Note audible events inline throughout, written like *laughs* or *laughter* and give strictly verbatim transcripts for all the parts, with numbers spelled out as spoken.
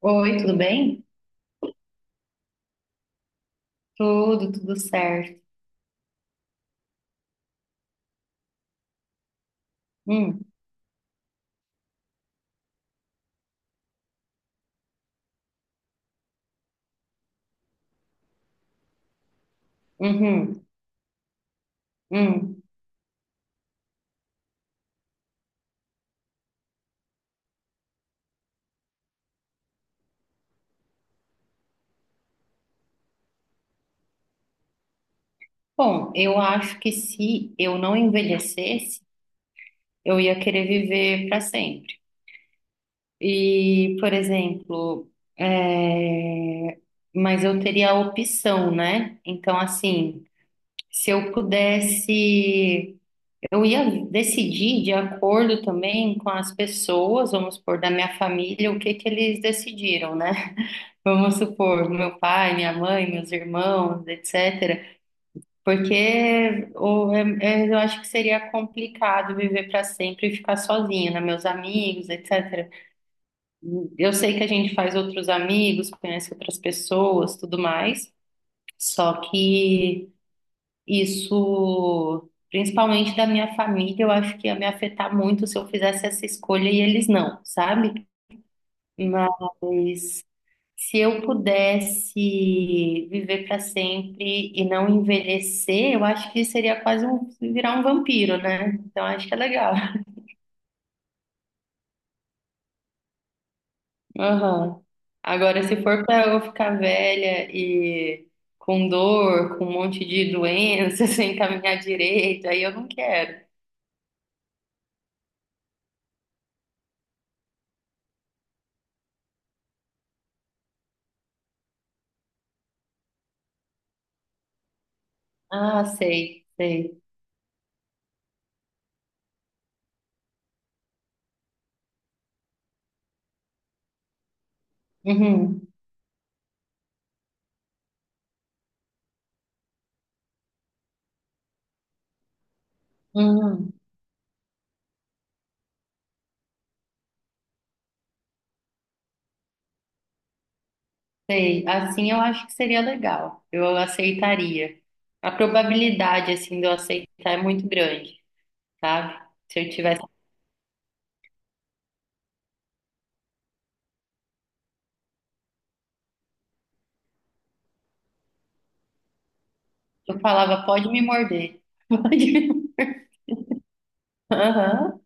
Oi, tudo bem? Tudo, tudo certo. Hum. Uhum, hum. Bom, eu acho que se eu não envelhecesse, eu ia querer viver para sempre. E, por exemplo, é, mas eu teria a opção, né? Então, assim, se eu pudesse, eu ia decidir de acordo também com as pessoas, vamos supor, da minha família, o que que eles decidiram, né? Vamos supor, meu pai, minha mãe, meus irmãos, etcétera. Porque o- é- é- Eu acho que seria complicado viver para sempre e ficar sozinha, né? Meus amigos, etcétera. Eu sei que a gente faz outros amigos, conhece outras pessoas, tudo mais. Só que isso, principalmente da minha família, eu acho que ia me afetar muito se eu fizesse essa escolha e eles não, sabe? Mas se eu pudesse viver para sempre e não envelhecer, eu acho que seria quase um virar um vampiro, né? Então acho que é legal. *laughs* Aham. Agora, se for para eu ficar velha e com dor, com um monte de doença, *laughs* sem caminhar direito, aí eu não quero. Ah, sei, sei. Uhum, uhum, sei. Assim eu acho que seria legal. Eu aceitaria. A probabilidade assim de eu aceitar é muito grande, sabe? Se eu tivesse, eu falava, pode me morder. *laughs* Pode me... Aham.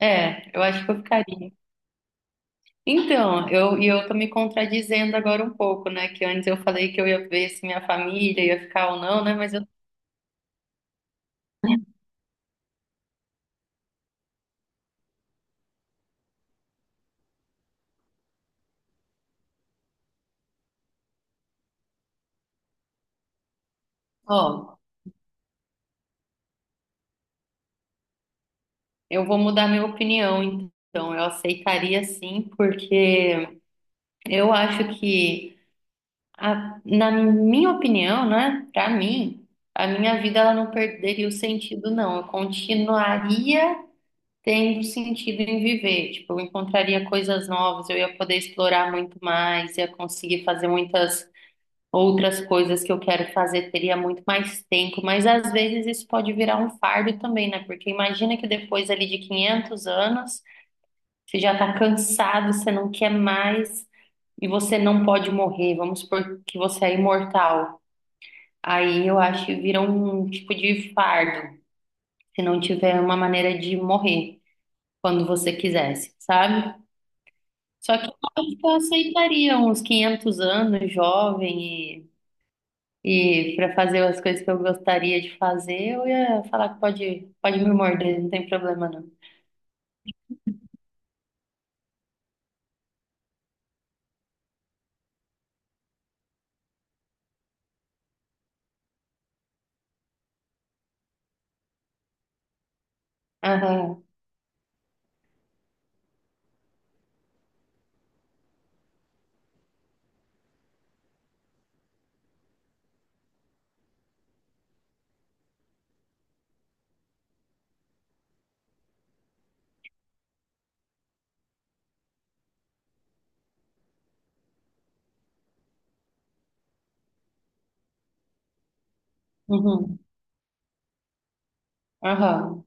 É, eu acho que eu ficaria. Então, eu, e eu tô me contradizendo agora um pouco, né? Que antes eu falei que eu ia ver se minha família ia ficar ou não, né? Mas eu, ó, eu vou mudar minha opinião, então. Eu aceitaria sim, porque eu acho que, a- na minha opinião, né? Pra mim, a minha vida ela não perderia o sentido, não. Eu continuaria tendo sentido em viver, tipo, eu encontraria coisas novas, eu ia poder explorar muito mais, ia conseguir fazer muitas outras coisas que eu quero fazer, teria muito mais tempo, mas às vezes isso pode virar um fardo também, né? Porque imagina que depois ali de quinhentos anos, você já tá cansado, você não quer mais e você não pode morrer, vamos supor que você é imortal. Aí eu acho que vira um tipo de fardo, se não tiver uma maneira de morrer quando você quisesse, sabe? Só que eu aceitaria uns quinhentos anos, jovem, e, e para fazer as coisas que eu gostaria de fazer, eu ia falar que pode, pode me morder, não tem problema não. Aham, uhum, aham.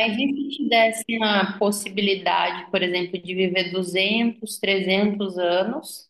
Mas e se te dessem a possibilidade, por exemplo, de viver duzentos trezentos anos?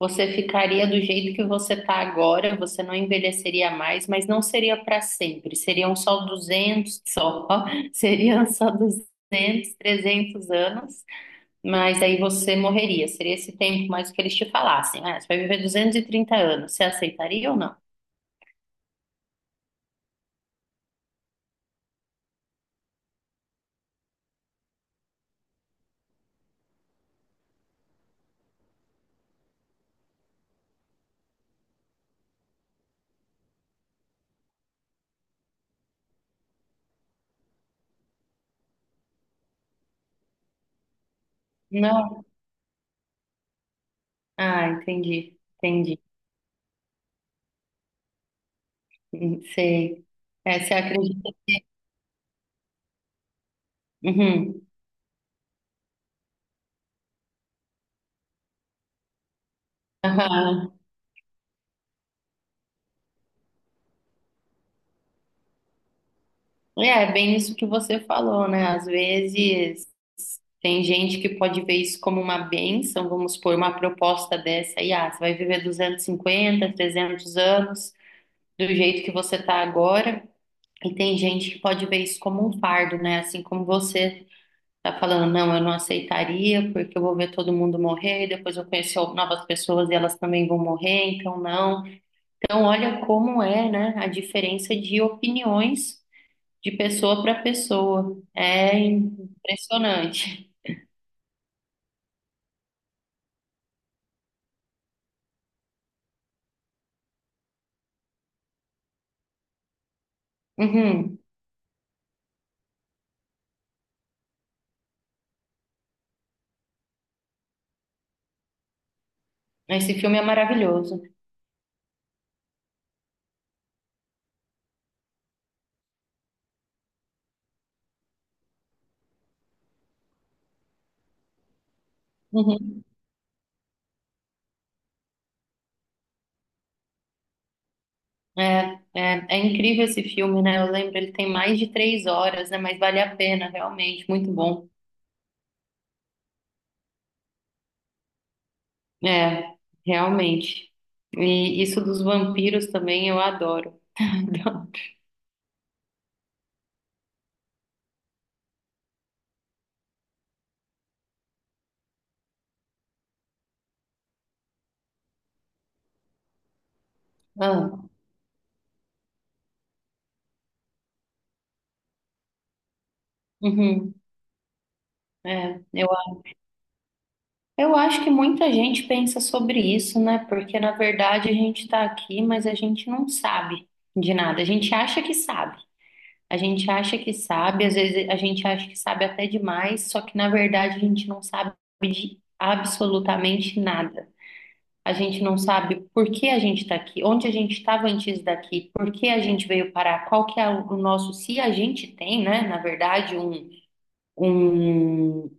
Você ficaria do jeito que você está agora, você não envelheceria mais, mas não seria para sempre. Seriam só duzentos só. *laughs* Seriam só duzentos, trezentos anos, mas aí você morreria. Seria esse tempo mais que eles te falassem. Ah, você vai viver duzentos e trinta anos. Você aceitaria ou não? Não? Ah, entendi. Entendi. Hum, Sei. É, você acredita? Uhum. Aham. É, é bem isso que você falou, né? Às vezes. Tem gente que pode ver isso como uma bênção, vamos supor, uma proposta dessa aí, ah, você vai viver duzentos e cinquenta, trezentos anos do jeito que você está agora. E tem gente que pode ver isso como um fardo, né? Assim como você está falando, não, eu não aceitaria, porque eu vou ver todo mundo morrer, e depois eu conhecer novas pessoas e elas também vão morrer, então não. Então, olha como é, né, a diferença de opiniões de pessoa para pessoa. É impressionante. Uhum. Esse filme é maravilhoso. Uhum. É, é, é incrível esse filme, né? Eu lembro, ele tem mais de três horas, né? Mas vale a pena, realmente, muito bom. É, realmente. E isso dos vampiros também eu adoro. *laughs* Ah, uhum, é, eu, a- eu acho que muita gente pensa sobre isso, né? Porque na verdade a gente está aqui, mas a gente não sabe de nada. A gente acha que sabe. A gente acha que sabe, às vezes a gente acha que sabe até demais, só que na verdade a gente não sabe de absolutamente nada. A gente não sabe por que a gente está aqui, onde a gente estava antes daqui, por que a gente veio parar, qual que é o nosso, se a gente tem, né, na verdade, um, um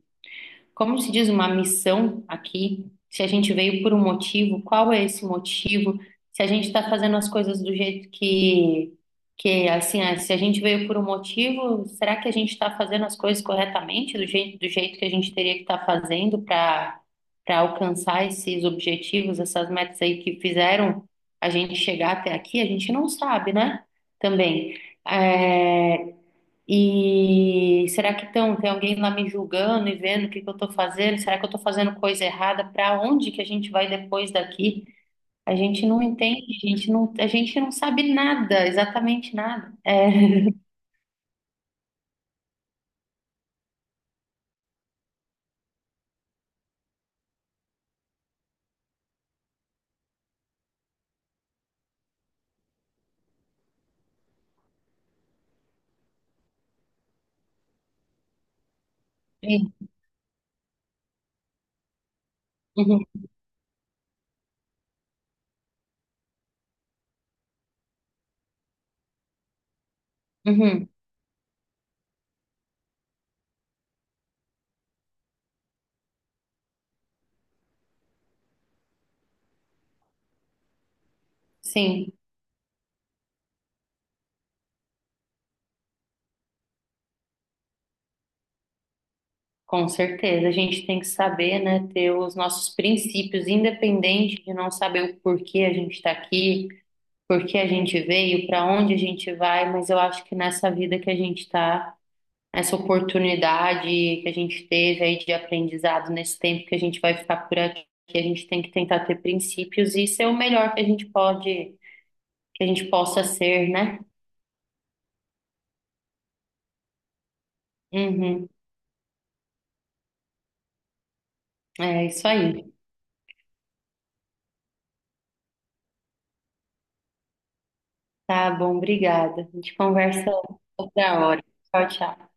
como se diz, uma missão aqui, se a gente veio por um motivo, qual é esse motivo? Se a gente está fazendo as coisas do jeito que, que assim, ah, se a gente veio por um motivo, será que a gente está fazendo as coisas corretamente, do jeito, do jeito que a gente teria que estar fazendo para para alcançar esses objetivos, essas metas aí que fizeram a gente chegar até aqui? A gente não sabe, né? Também. É, e será que tão, tem alguém lá me julgando e vendo o que que eu estou fazendo? Será que eu estou fazendo coisa errada? Para onde que a gente vai depois daqui? A gente não entende, a gente não, a gente não sabe nada, exatamente nada. É, sim, uhum, uhum, sim, com certeza. A gente tem que saber, né, ter os nossos princípios, independente de não saber o porquê a gente está aqui, por que a gente veio, para onde a gente vai, mas eu acho que nessa vida que a gente está, essa oportunidade que a gente teve aí de aprendizado nesse tempo que a gente vai ficar por aqui, a gente tem que tentar ter princípios e ser o melhor que a gente pode, que a gente possa ser, né? Uhum. É isso aí. Tá bom, obrigada. A gente conversa outra hora. Tchau, tchau.